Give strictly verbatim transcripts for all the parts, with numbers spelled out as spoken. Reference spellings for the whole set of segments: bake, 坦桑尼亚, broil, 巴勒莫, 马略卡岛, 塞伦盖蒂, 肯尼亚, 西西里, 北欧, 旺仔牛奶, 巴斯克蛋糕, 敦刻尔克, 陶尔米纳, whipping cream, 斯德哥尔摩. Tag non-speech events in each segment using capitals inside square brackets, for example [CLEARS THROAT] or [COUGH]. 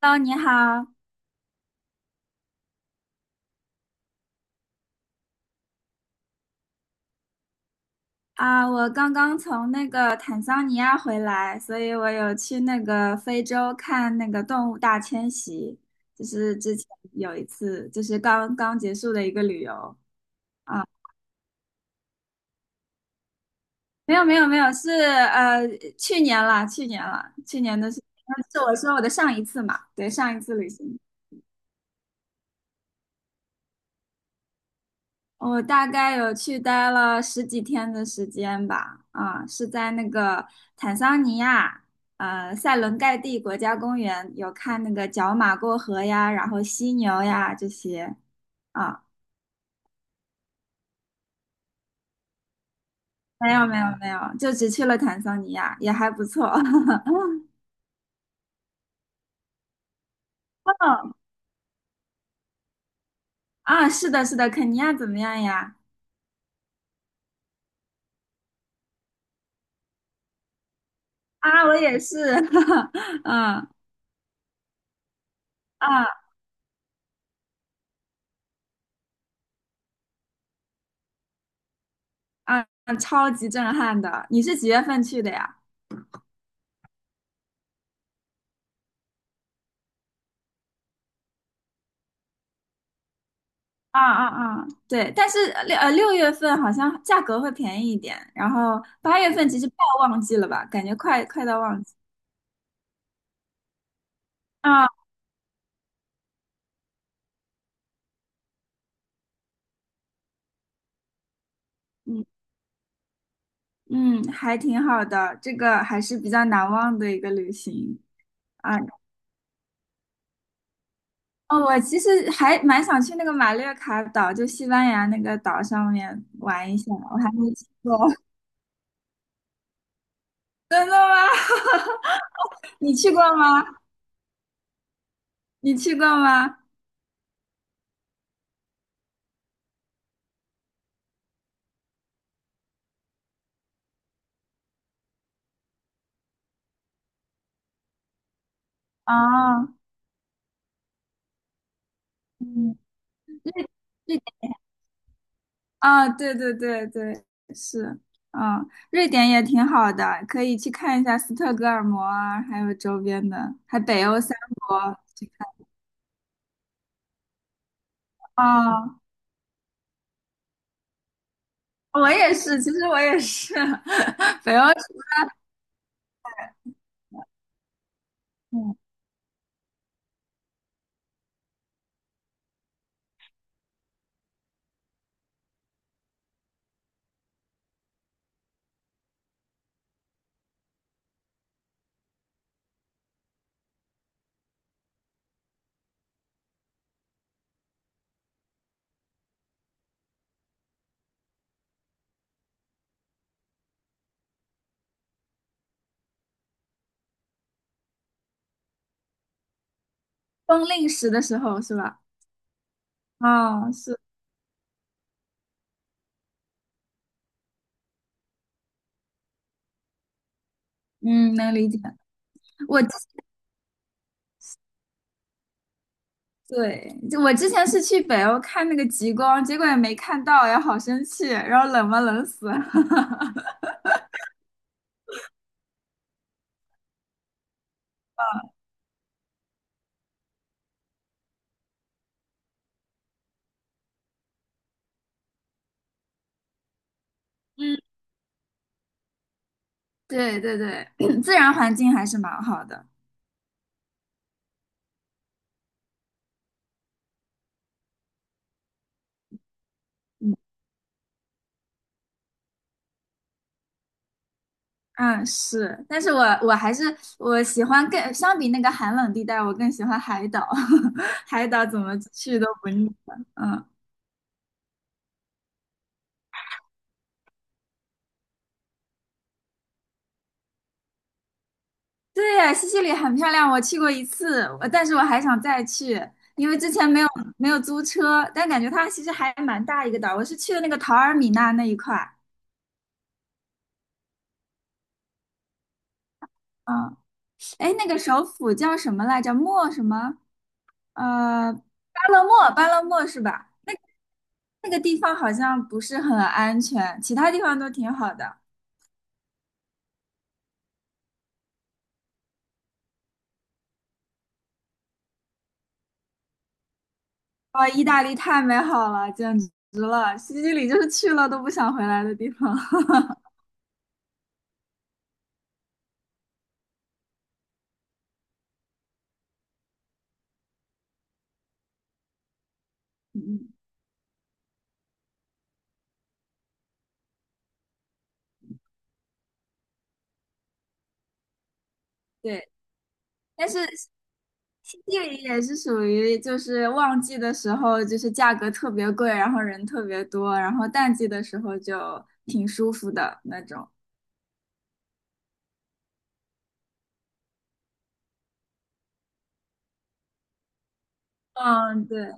Hello，你好啊，我刚刚从那个坦桑尼亚回来，所以我有去那个非洲看那个动物大迁徙，就是之前有一次，就是刚刚结束的一个旅游啊。没有没有没有，是呃去年了，去年了，去年的是是我说我的上一次嘛，对，上一次旅行。我大概有去待了十几天的时间吧，啊，是在那个坦桑尼亚，呃，塞伦盖蒂国家公园有看那个角马过河呀，然后犀牛呀这些。啊，没有没有没有，就只去了坦桑尼亚，也还不错。[LAUGHS] 哦，啊，是的，是的，肯尼亚怎么样呀？啊，我也是。[LAUGHS] 嗯啊啊啊，超级震撼的。你是几月份去的呀？啊啊啊，对，但是呃六呃六月份好像价格会便宜一点，然后八月份其实快要旺季了吧，感觉快快到旺季啊。嗯嗯，还挺好的，这个还是比较难忘的一个旅行啊。哦，我其实还蛮想去那个马略卡岛，就西班牙那个岛上面玩一下，我还没去过。[LAUGHS] 真的吗？[LAUGHS] 你去过吗？你去过吗？啊，嗯。瑞啊，对对对对，是，嗯，瑞典也挺好的，可以去看一下斯德哥尔摩啊，还有周边的，还北欧三国去看。哦，我也是，其实我也是，[LAUGHS] 北欧是，嗯，冬令时的时候是吧？啊，是，嗯，能理解。我对，就我之前是去北欧看那个极光，结果也没看到，呀，好生气，然后冷吗冷死。[LAUGHS] 嗯，对对对，[COUGHS] [CLEARS THROAT] 自然环境还是蛮好的。嗯。嗯，是，但是我我还是我喜欢更相比那个寒冷地带，我更喜欢海岛。[LAUGHS] 海岛怎么去都不腻的。嗯，对，西西里很漂亮，我去过一次，我但是我还想再去，因为之前没有没有租车，但感觉它其实还蛮大一个岛。我是去的那个陶尔米纳那一块儿。嗯，哎，那个首府叫什么来着？莫什么？呃，巴勒莫，巴勒莫是吧？那个地方好像不是很安全，其他地方都挺好的。哦，意大利太美好了，简直了！西西里就是去了都不想回来的地方。[LAUGHS] 嗯，对，但是西西里也是属于就是旺季的时候，就是价格特别贵，然后人特别多，然后淡季的时候就挺舒服的那种。嗯，对。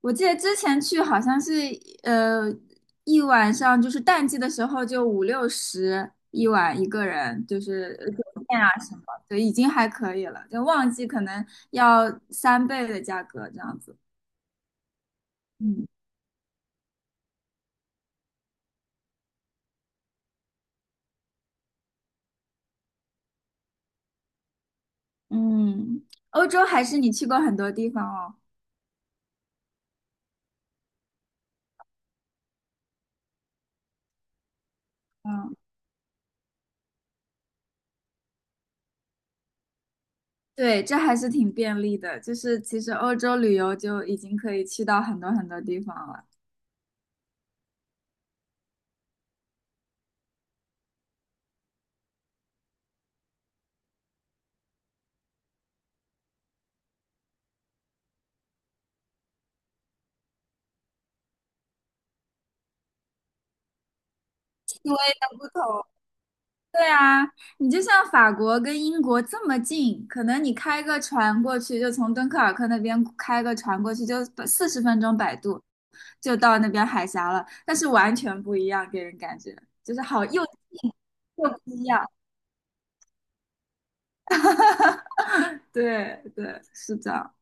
我记得之前去好像是呃一晚上，就是淡季的时候就五六十一晚一个人，就是呃酒店啊什么，对，已经还可以了。就旺季可能要三倍的价格这样子。嗯嗯，欧洲还是你去过很多地方哦。嗯，对，这还是挺便利的，就是其实欧洲旅游就已经可以去到很多很多地方了，因为。不同。对啊，你就像法国跟英国这么近，可能你开个船过去，就从敦刻尔克那边开个船过去，就四十分钟摆渡就到那边海峡了，但是完全不一样，给人感觉就是好又又不一样。对对，是的，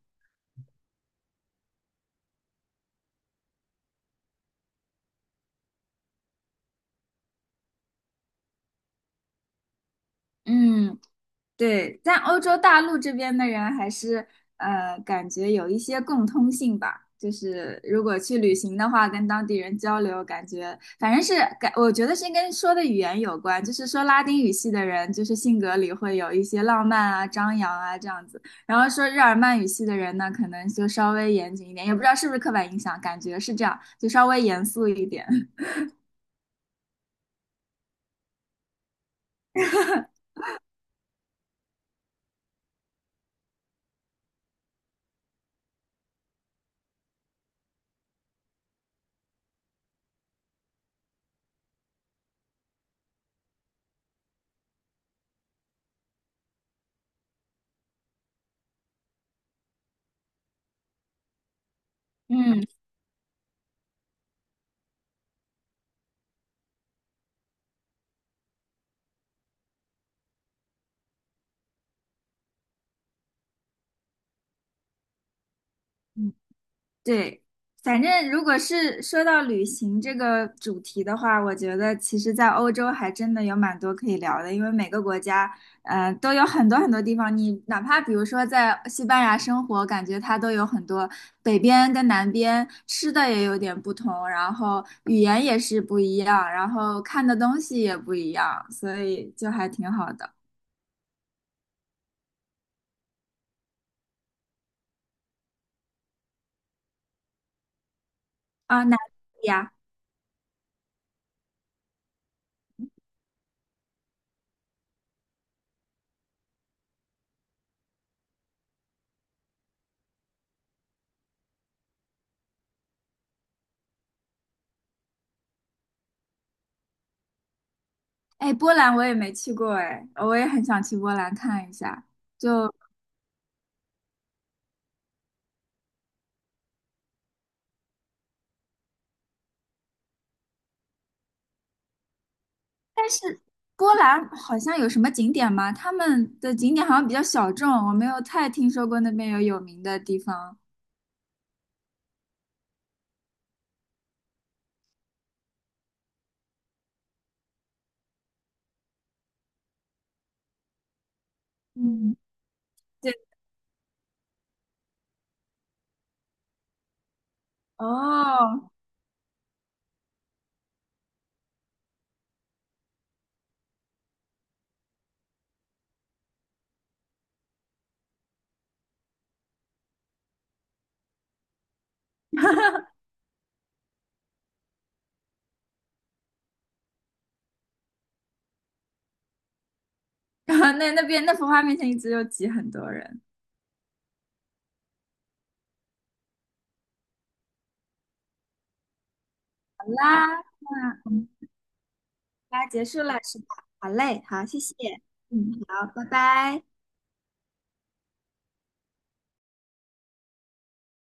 嗯，对，但欧洲大陆这边的人还是呃，感觉有一些共通性吧。就是如果去旅行的话，跟当地人交流，感觉反正是感，我觉得是跟说的语言有关。就是说拉丁语系的人，就是性格里会有一些浪漫啊、张扬啊这样子。然后说日耳曼语系的人呢，可能就稍微严谨一点，也不知道是不是刻板印象，感觉是这样，就稍微严肃一点。[LAUGHS] 嗯。对，反正如果是说到旅行这个主题的话，我觉得其实，在欧洲还真的有蛮多可以聊的，因为每个国家，呃，都有很多很多地方。你哪怕比如说在西班牙生活，感觉它都有很多北边跟南边吃的也有点不同，然后语言也是不一样，然后看的东西也不一样，所以就还挺好的啊。哪里呀？哎，波兰我也没去过，哎，我也很想去波兰看一下。就波兰好像有什么景点吗？他们的景点好像比较小众，我没有太听说过那边有有名的地方。嗯，对，哦，[LAUGHS] 那那边那幅画面前一直有挤很多人。好啦，那我们啦结束了是吧？好嘞，好，谢谢。嗯，好，拜拜。